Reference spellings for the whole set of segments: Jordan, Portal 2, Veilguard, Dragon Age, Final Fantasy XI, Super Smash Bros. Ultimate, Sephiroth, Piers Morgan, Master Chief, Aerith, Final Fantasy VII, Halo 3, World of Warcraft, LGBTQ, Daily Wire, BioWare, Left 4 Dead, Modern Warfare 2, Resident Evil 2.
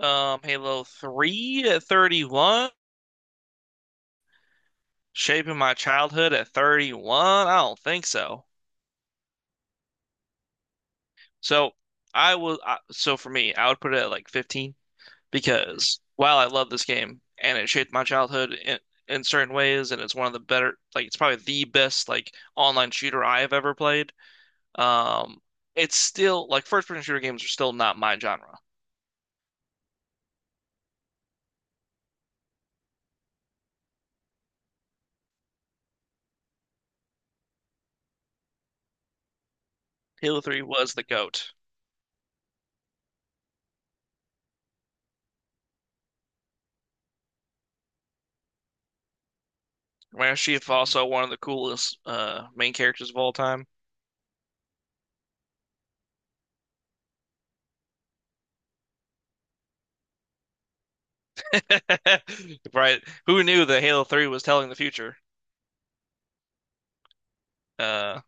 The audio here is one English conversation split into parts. Halo 3 at 31, shaping my childhood at 31. I don't think so. So so for me, I would put it at like 15 because while I love this game and it shaped my childhood in certain ways, and it's one of the better, like it's probably the best like online shooter I have ever played. Um, it's still like first person shooter games are still not my genre. Halo 3 was the GOAT. Master Chief also one of the coolest main characters of all time. Right. Who knew that Halo 3 was telling the future? Uh,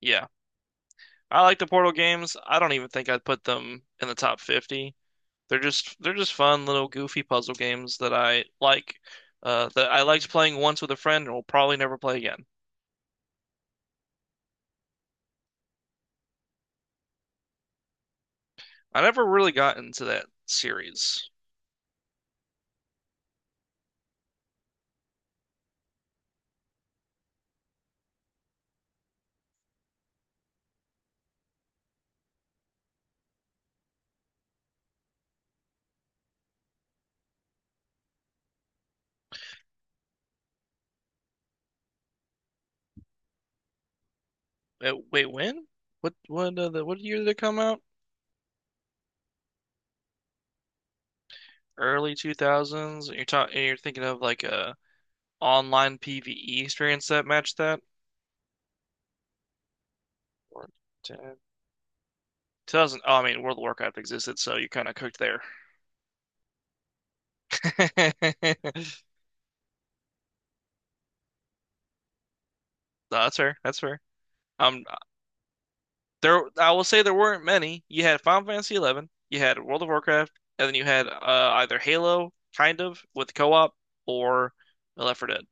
yeah. I like the Portal games. I don't even think I'd put them in the top 50. They're just fun little goofy puzzle games that I that I liked playing once with a friend and will probably never play again. I never really got into that series. Wait, when? What year did it come out? Early 2000s. You're thinking of like a online PvE experience that matched that? Or- Ten. 2000, oh, I mean, World of Warcraft existed, so you kind of cooked there. No, that's fair. That's fair. Um, there, I will say there weren't many. You had Final Fantasy XI, you had World of Warcraft, and then you had either Halo, kind of, with co-op, or Left 4 Dead.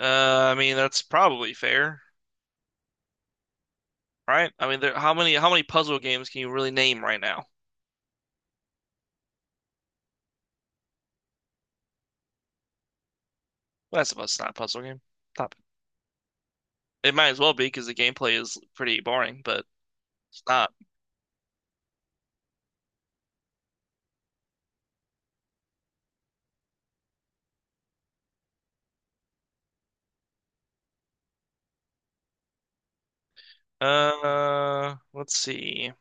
I mean, that's probably fair, right? I mean, there, how many puzzle games can you really name right now? Last of Us is not a puzzle game. Stop it. It might as well be because the gameplay is pretty boring, but it's not. Let's see.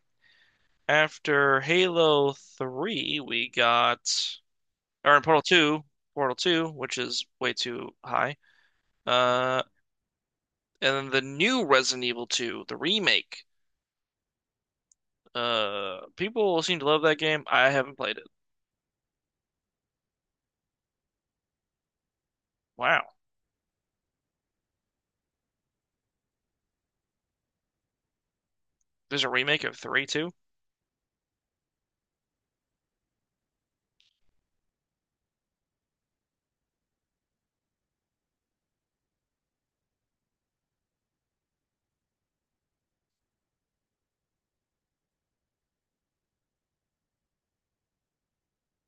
After Halo 3, we got, or in Portal 2, Portal 2, which is way too high. Uh, and then the new Resident Evil 2, the remake. People seem to love that game. I haven't played it. Wow. There's a remake of 3 too?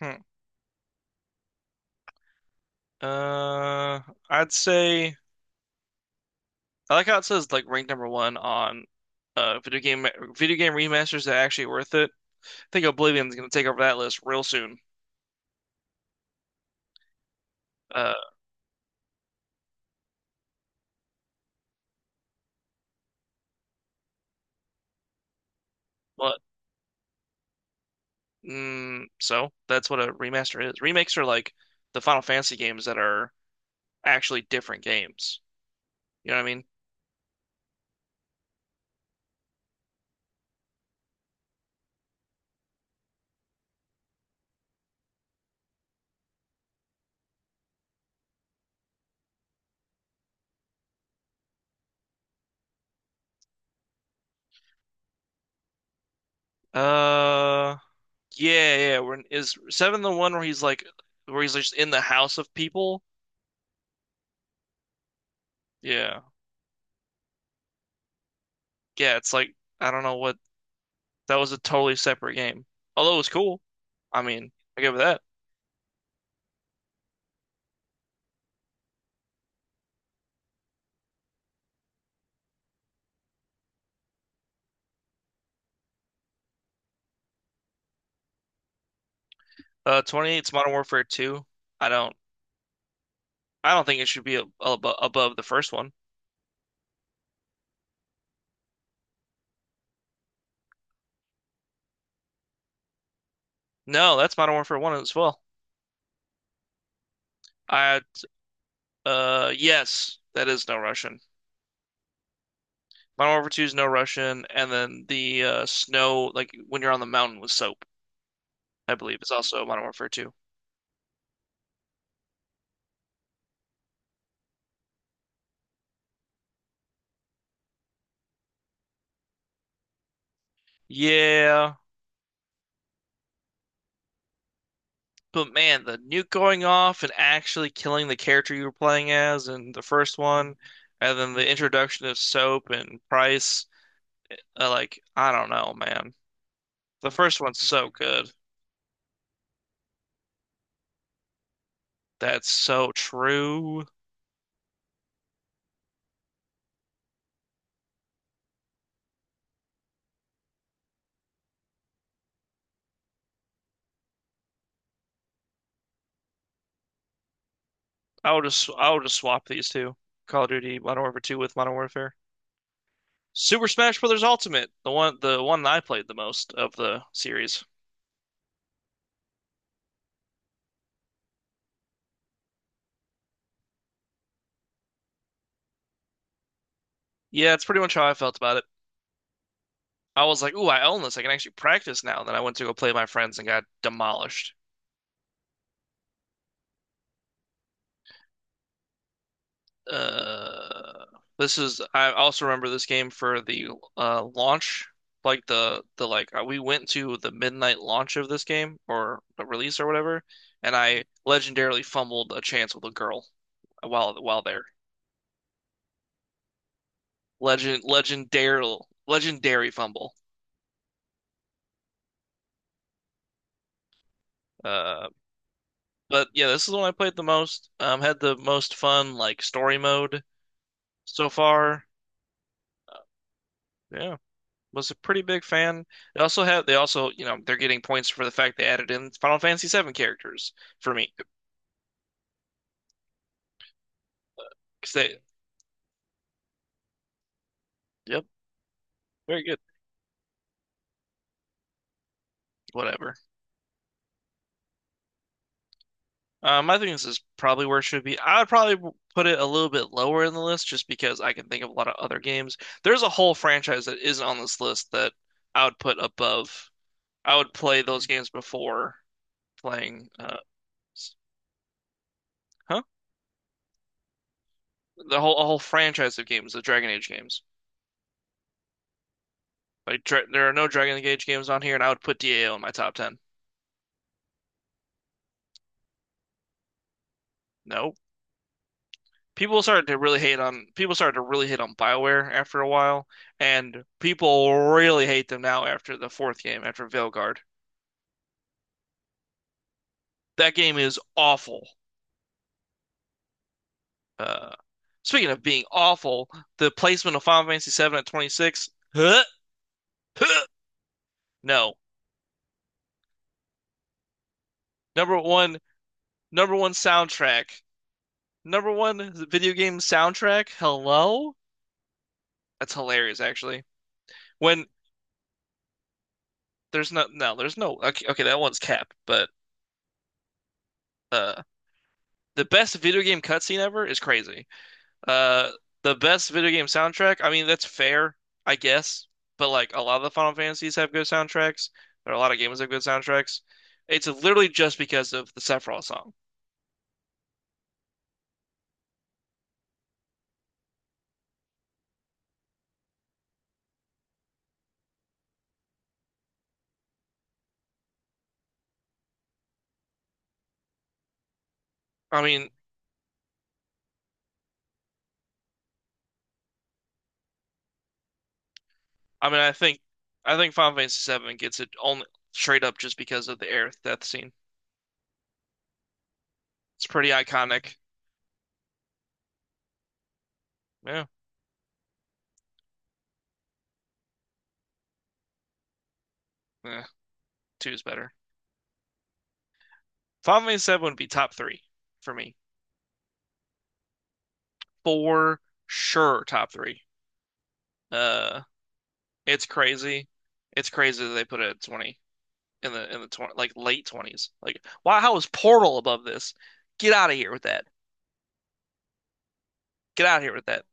Hmm. Uh, I'd say I like how it says like ranked number one on uh video game video game remasters that are actually worth it. I think Oblivion's gonna take over that list real soon. Uh, well, so that's what a remaster is. Remakes are like the Final Fantasy games that are actually different games. You know what I mean? Uh, yeah, yeah. When is seven the one just in the house of people? Yeah, yeah. It's like I don't know what that was a totally separate game. Although it was cool. I mean, I give it that. 28's Modern Warfare 2. I don't, I don't think it should be ab ab above the first one. No, that's Modern Warfare 1 as well. I Yes, that is no Russian. Modern Warfare 2 is no Russian, and then the snow, like when you're on the mountain with soap, I believe, is also Modern Warfare 2. Yeah, but man, the nuke going off and actually killing the character you were playing as in the first one, and then the introduction of soap and price, like I don't know, man. The first one's so good. That's so true. I would just swap these two, Call of Duty Modern Warfare 2 with Modern Warfare. Super Smash Bros. Ultimate, the one that I played the most of the series. Yeah, it's pretty much how I felt about it. I was like, "Ooh, I own this. I can actually practice now." Then I went to go play with my friends and got demolished. Uh, this is I also remember this game for the launch, like the like we went to the midnight launch of this game or the release or whatever, and I legendarily fumbled a chance with a girl while there. Legend legendary Legendary fumble. Uh But yeah, this is the one I played the most. Had the most fun like story mode so far. Uh, Yeah, was a pretty big fan. They also they're getting points for the fact they added in Final Fantasy VII characters for me. 'Cause they, yep, very good, whatever. I think this is probably where it should be. I would probably put it a little bit lower in the list just because I can think of a lot of other games. There's a whole franchise that isn't on this list that I would put above. I would play those games before playing. Huh? the whole A whole franchise of games, the Dragon Age games. Like dra there are no Dragon Age games on here, and I would put DAO in my top 10. No, people started to really hate on BioWare after a while, and people really hate them now after the fourth game, after Veilguard. That game is awful. Uh, Speaking of being awful, the placement of Final Fantasy VII at 26. Huh? Huh? No, number one, number one soundtrack, number one video game soundtrack. Hello. That's hilarious, actually. When there's no. Okay, okay, that one's cap, but uh, the best video game cutscene ever is crazy. Uh, the best video game soundtrack. I mean, that's fair, I guess. But like a lot of the Final Fantasies have good soundtracks. There are a lot of games that have good soundtracks. It's literally just because of the Sephiroth song. I mean, I mean, I think Final Fantasy VII gets it only straight up just because of the Aerith death scene. It's pretty iconic. Yeah, eh, two is better. Final Fantasy VII would be top three for me, for sure. Top three. Uh, it's crazy. It's crazy that they put it at 20 in the 20, like late 20s. Like, why? How is Portal above this? Get out of here with that. Get out of here with that.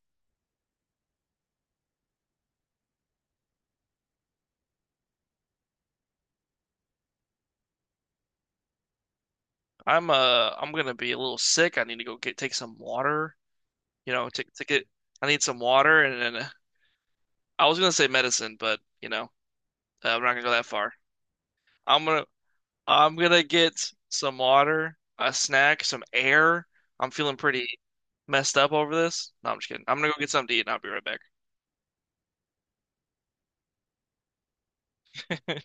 I'm gonna be a little sick. I need to go get take some water. You know, to get I need some water and then I was gonna say medicine, but you know, I'm not gonna go that far. I'm gonna I'm gonna get some water, a snack, some air. I'm feeling pretty messed up over this. No, I'm just kidding. I'm gonna go get something to eat and I'll be right back.